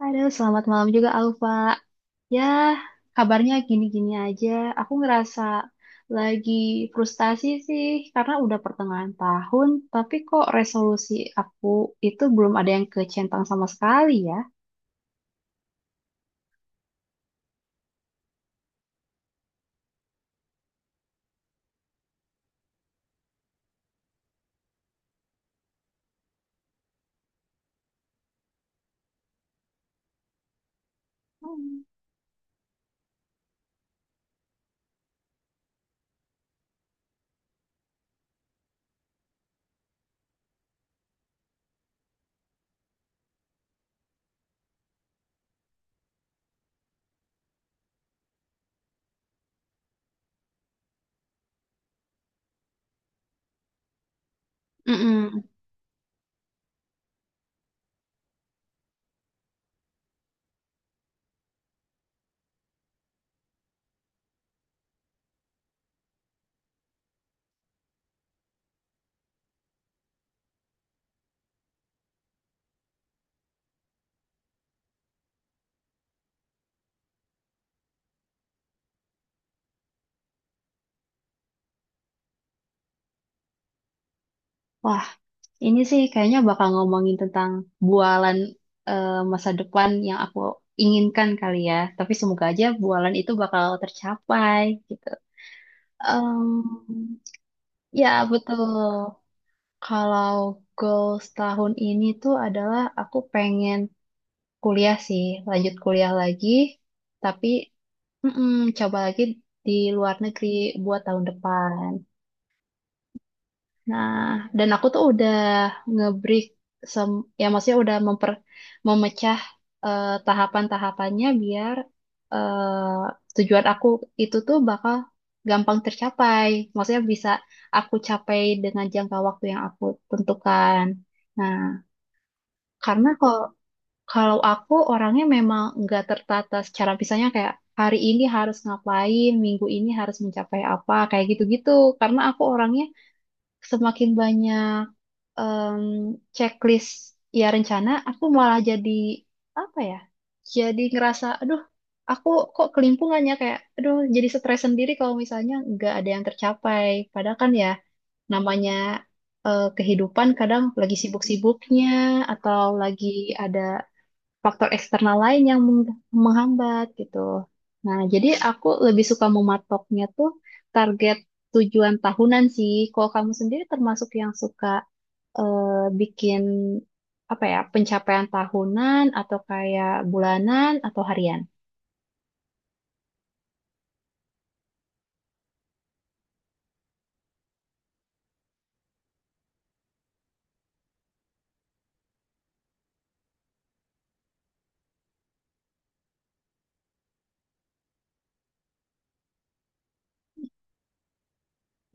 Halo, selamat malam juga Alfa. Ya, kabarnya gini-gini aja. Aku ngerasa lagi frustasi sih karena udah pertengahan tahun, tapi kok resolusi aku itu belum ada yang kecentang sama sekali ya. Hmm. Mm-mm. Wah, ini sih kayaknya bakal ngomongin tentang bualan eh, masa depan yang aku inginkan kali ya. Tapi semoga aja bualan itu bakal tercapai gitu. Em, ya betul. Kalau goals tahun ini tuh adalah aku pengen kuliah sih, lanjut kuliah lagi, tapi, mm-mm, coba lagi di luar negeri buat tahun depan. Nah, dan aku tuh udah nge-break, ya maksudnya udah memecah tahapan-tahapannya biar tujuan aku itu tuh bakal gampang tercapai. Maksudnya bisa aku capai dengan jangka waktu yang aku tentukan. Nah, karena kalau kalau aku orangnya memang nggak tertata secara misalnya kayak hari ini harus ngapain, minggu ini harus mencapai apa, kayak gitu-gitu. Karena aku orangnya semakin banyak em, checklist, ya rencana, aku malah jadi apa ya? Jadi ngerasa, aduh, aku kok kelimpungannya kayak, aduh, jadi stres sendiri kalau misalnya nggak ada yang tercapai. Padahal kan ya namanya kehidupan kadang lagi sibuk-sibuknya atau lagi ada faktor eksternal lain yang menghambat gitu. Nah, jadi aku lebih suka mematoknya tuh target tujuan tahunan sih. Kalau kamu sendiri termasuk yang suka eh, bikin apa ya, pencapaian tahunan atau kayak bulanan atau harian?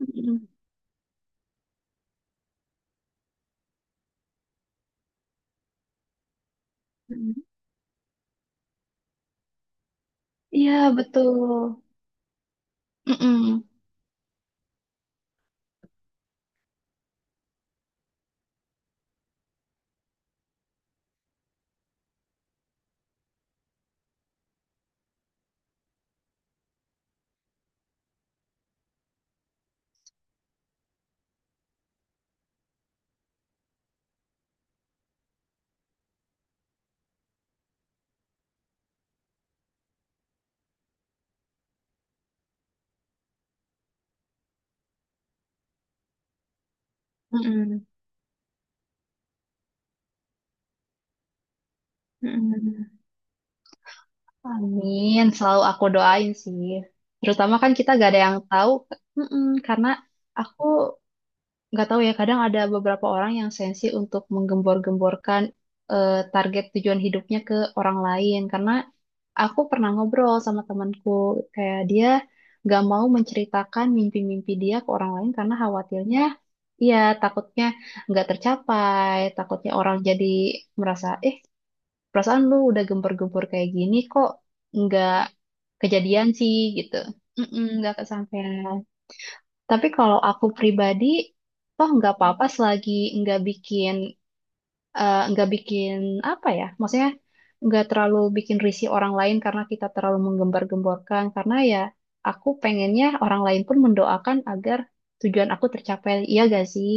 Mm-mm, mm-mm. Iya, betul. Mm-mm, mm-mm, mm-mm. Amin, selalu aku doain sih. Terutama kan kita gak ada yang tahu, mm-mm, karena aku nggak tahu ya. Kadang ada beberapa orang yang sensi untuk menggembor-gemborkan target tujuan hidupnya ke orang lain, karena aku pernah ngobrol sama temanku, kayak dia nggak mau menceritakan mimpi-mimpi dia ke orang lain karena khawatirnya, iya, takutnya nggak tercapai, takutnya orang jadi merasa, perasaan lu udah gembor-gembor kayak gini kok nggak kejadian sih gitu. Mm-mm, nggak kesampaian. Tapi kalau aku pribadi, toh nggak apa-apa selagi nggak bikin nggak bikin apa ya, maksudnya nggak terlalu bikin risih orang lain karena kita terlalu menggembar-gemborkan. Karena ya aku pengennya orang lain pun mendoakan agar tujuan aku tercapai. Iya gak sih?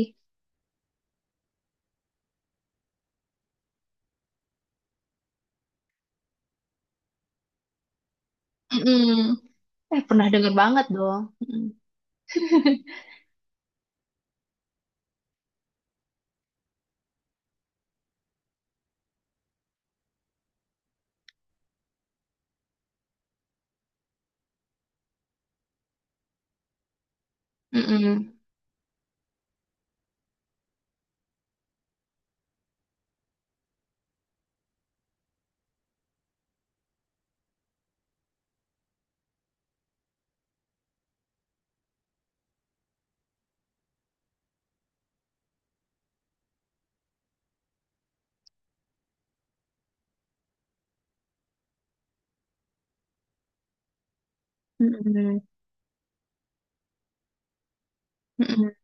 Mm-mm. Eh, pernah denger banget dong. Mm-mm. Mm-mm. Mm-mm. Mm-mm.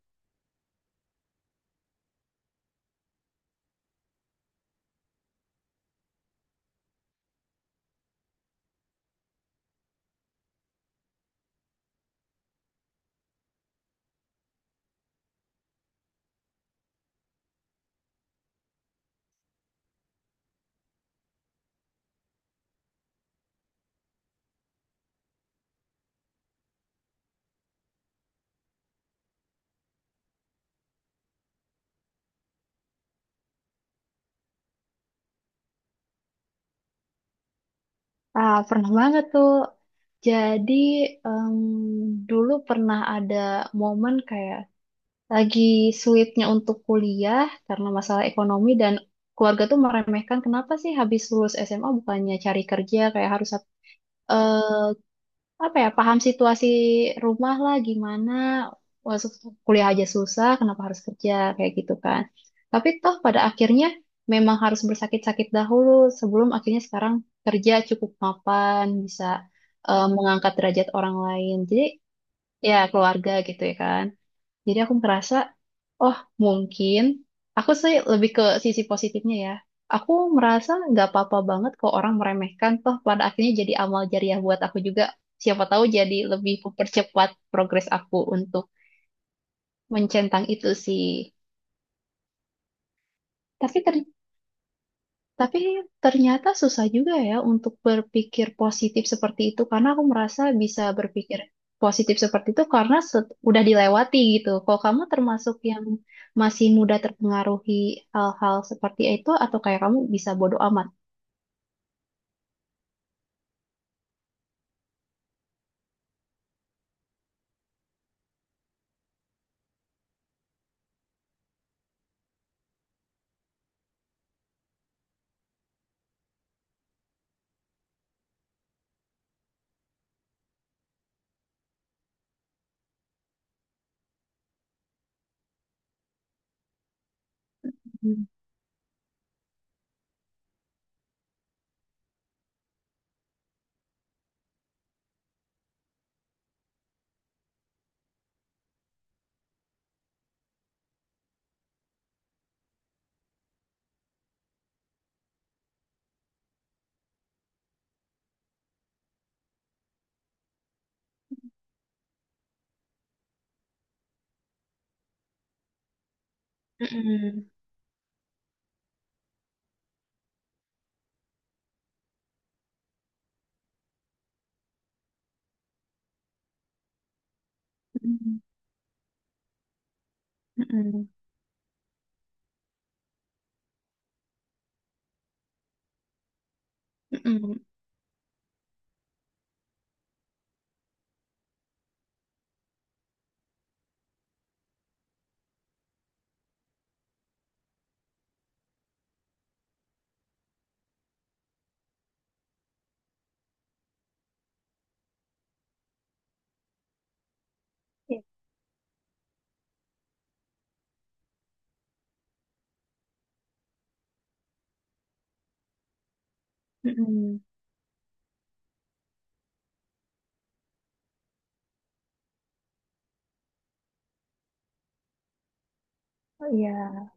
Ah, pernah banget tuh. Jadi, em, dulu pernah ada momen kayak lagi sulitnya untuk kuliah karena masalah ekonomi, dan keluarga tuh meremehkan, kenapa sih habis lulus SMA bukannya cari kerja, kayak harus eh, apa ya, paham situasi rumah lah, gimana masuk kuliah aja susah kenapa harus kerja kayak gitu kan. Tapi toh pada akhirnya memang harus bersakit-sakit dahulu sebelum akhirnya sekarang kerja cukup mapan, bisa mengangkat derajat orang lain, jadi ya keluarga gitu ya kan. Jadi aku merasa, oh mungkin, aku sih lebih ke sisi positifnya ya. Aku merasa nggak apa-apa banget kok orang meremehkan, toh pada akhirnya jadi amal jariah buat aku juga. Siapa tahu jadi lebih mempercepat progres aku untuk mencentang itu sih. Tapi ter Tapi ternyata susah juga ya untuk berpikir positif seperti itu, karena aku merasa bisa berpikir positif seperti itu karena udah dilewati gitu. Kalau kamu termasuk yang masih mudah terpengaruhi hal-hal seperti itu atau kayak kamu bisa bodo amat? Hmm. Mm-mm. Mm-mm. Mm-mm. Mm-mm. Iya. Mm-mm. Iya.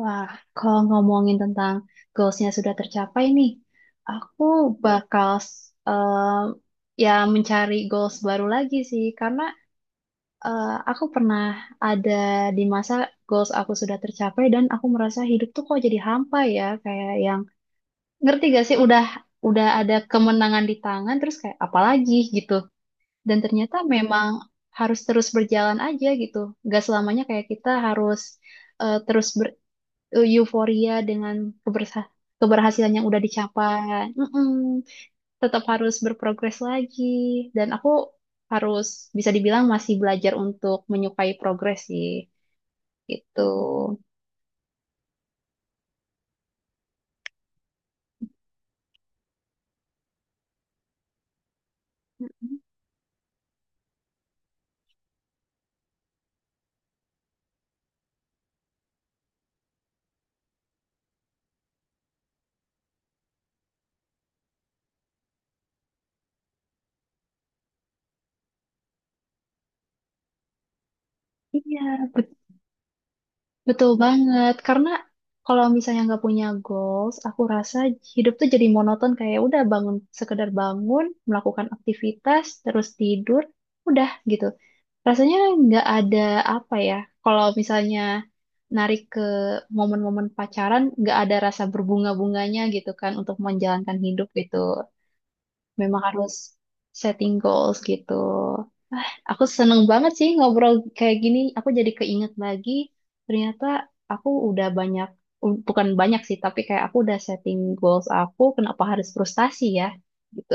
Wah, kalau ngomongin tentang goalsnya sudah tercapai nih, aku bakal ya mencari goals baru lagi sih, karena aku pernah ada di masa goals aku sudah tercapai dan aku merasa hidup tuh kok jadi hampa ya, kayak yang ngerti gak sih, udah ada kemenangan di tangan, terus kayak apalagi gitu. Dan ternyata memang harus terus berjalan aja gitu, gak selamanya kayak kita harus terus euforia dengan kebersa keberhasilan yang udah dicapai. Mm-mm. Tetap harus berprogres lagi. Dan aku harus bisa dibilang masih belajar untuk menyukai progres sih. Gitu. Mm-mm. Iya, bet- betul banget. Karena kalau misalnya nggak punya goals, aku rasa hidup tuh jadi monoton, kayak udah bangun, sekedar bangun, melakukan aktivitas, terus tidur, udah gitu. Rasanya nggak ada apa ya, kalau misalnya narik ke momen-momen pacaran, nggak ada rasa berbunga-bunganya gitu kan untuk menjalankan hidup gitu. Memang harus setting goals gitu. Aku seneng banget sih ngobrol kayak gini. Aku jadi keinget lagi, ternyata aku udah banyak, bukan banyak sih, tapi kayak aku udah setting goals aku, kenapa harus frustasi ya gitu.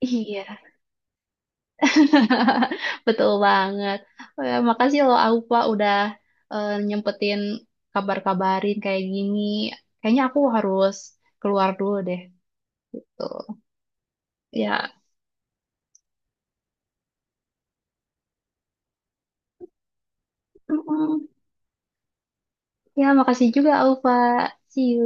Iya. Betul banget. Oh ya, makasih loh Aupa udah nyempetin kabar-kabarin kayak gini. Kayaknya aku harus keluar dulu deh. Tuh. Ya. Mm-mm. Ya, makasih juga Aupa. See you.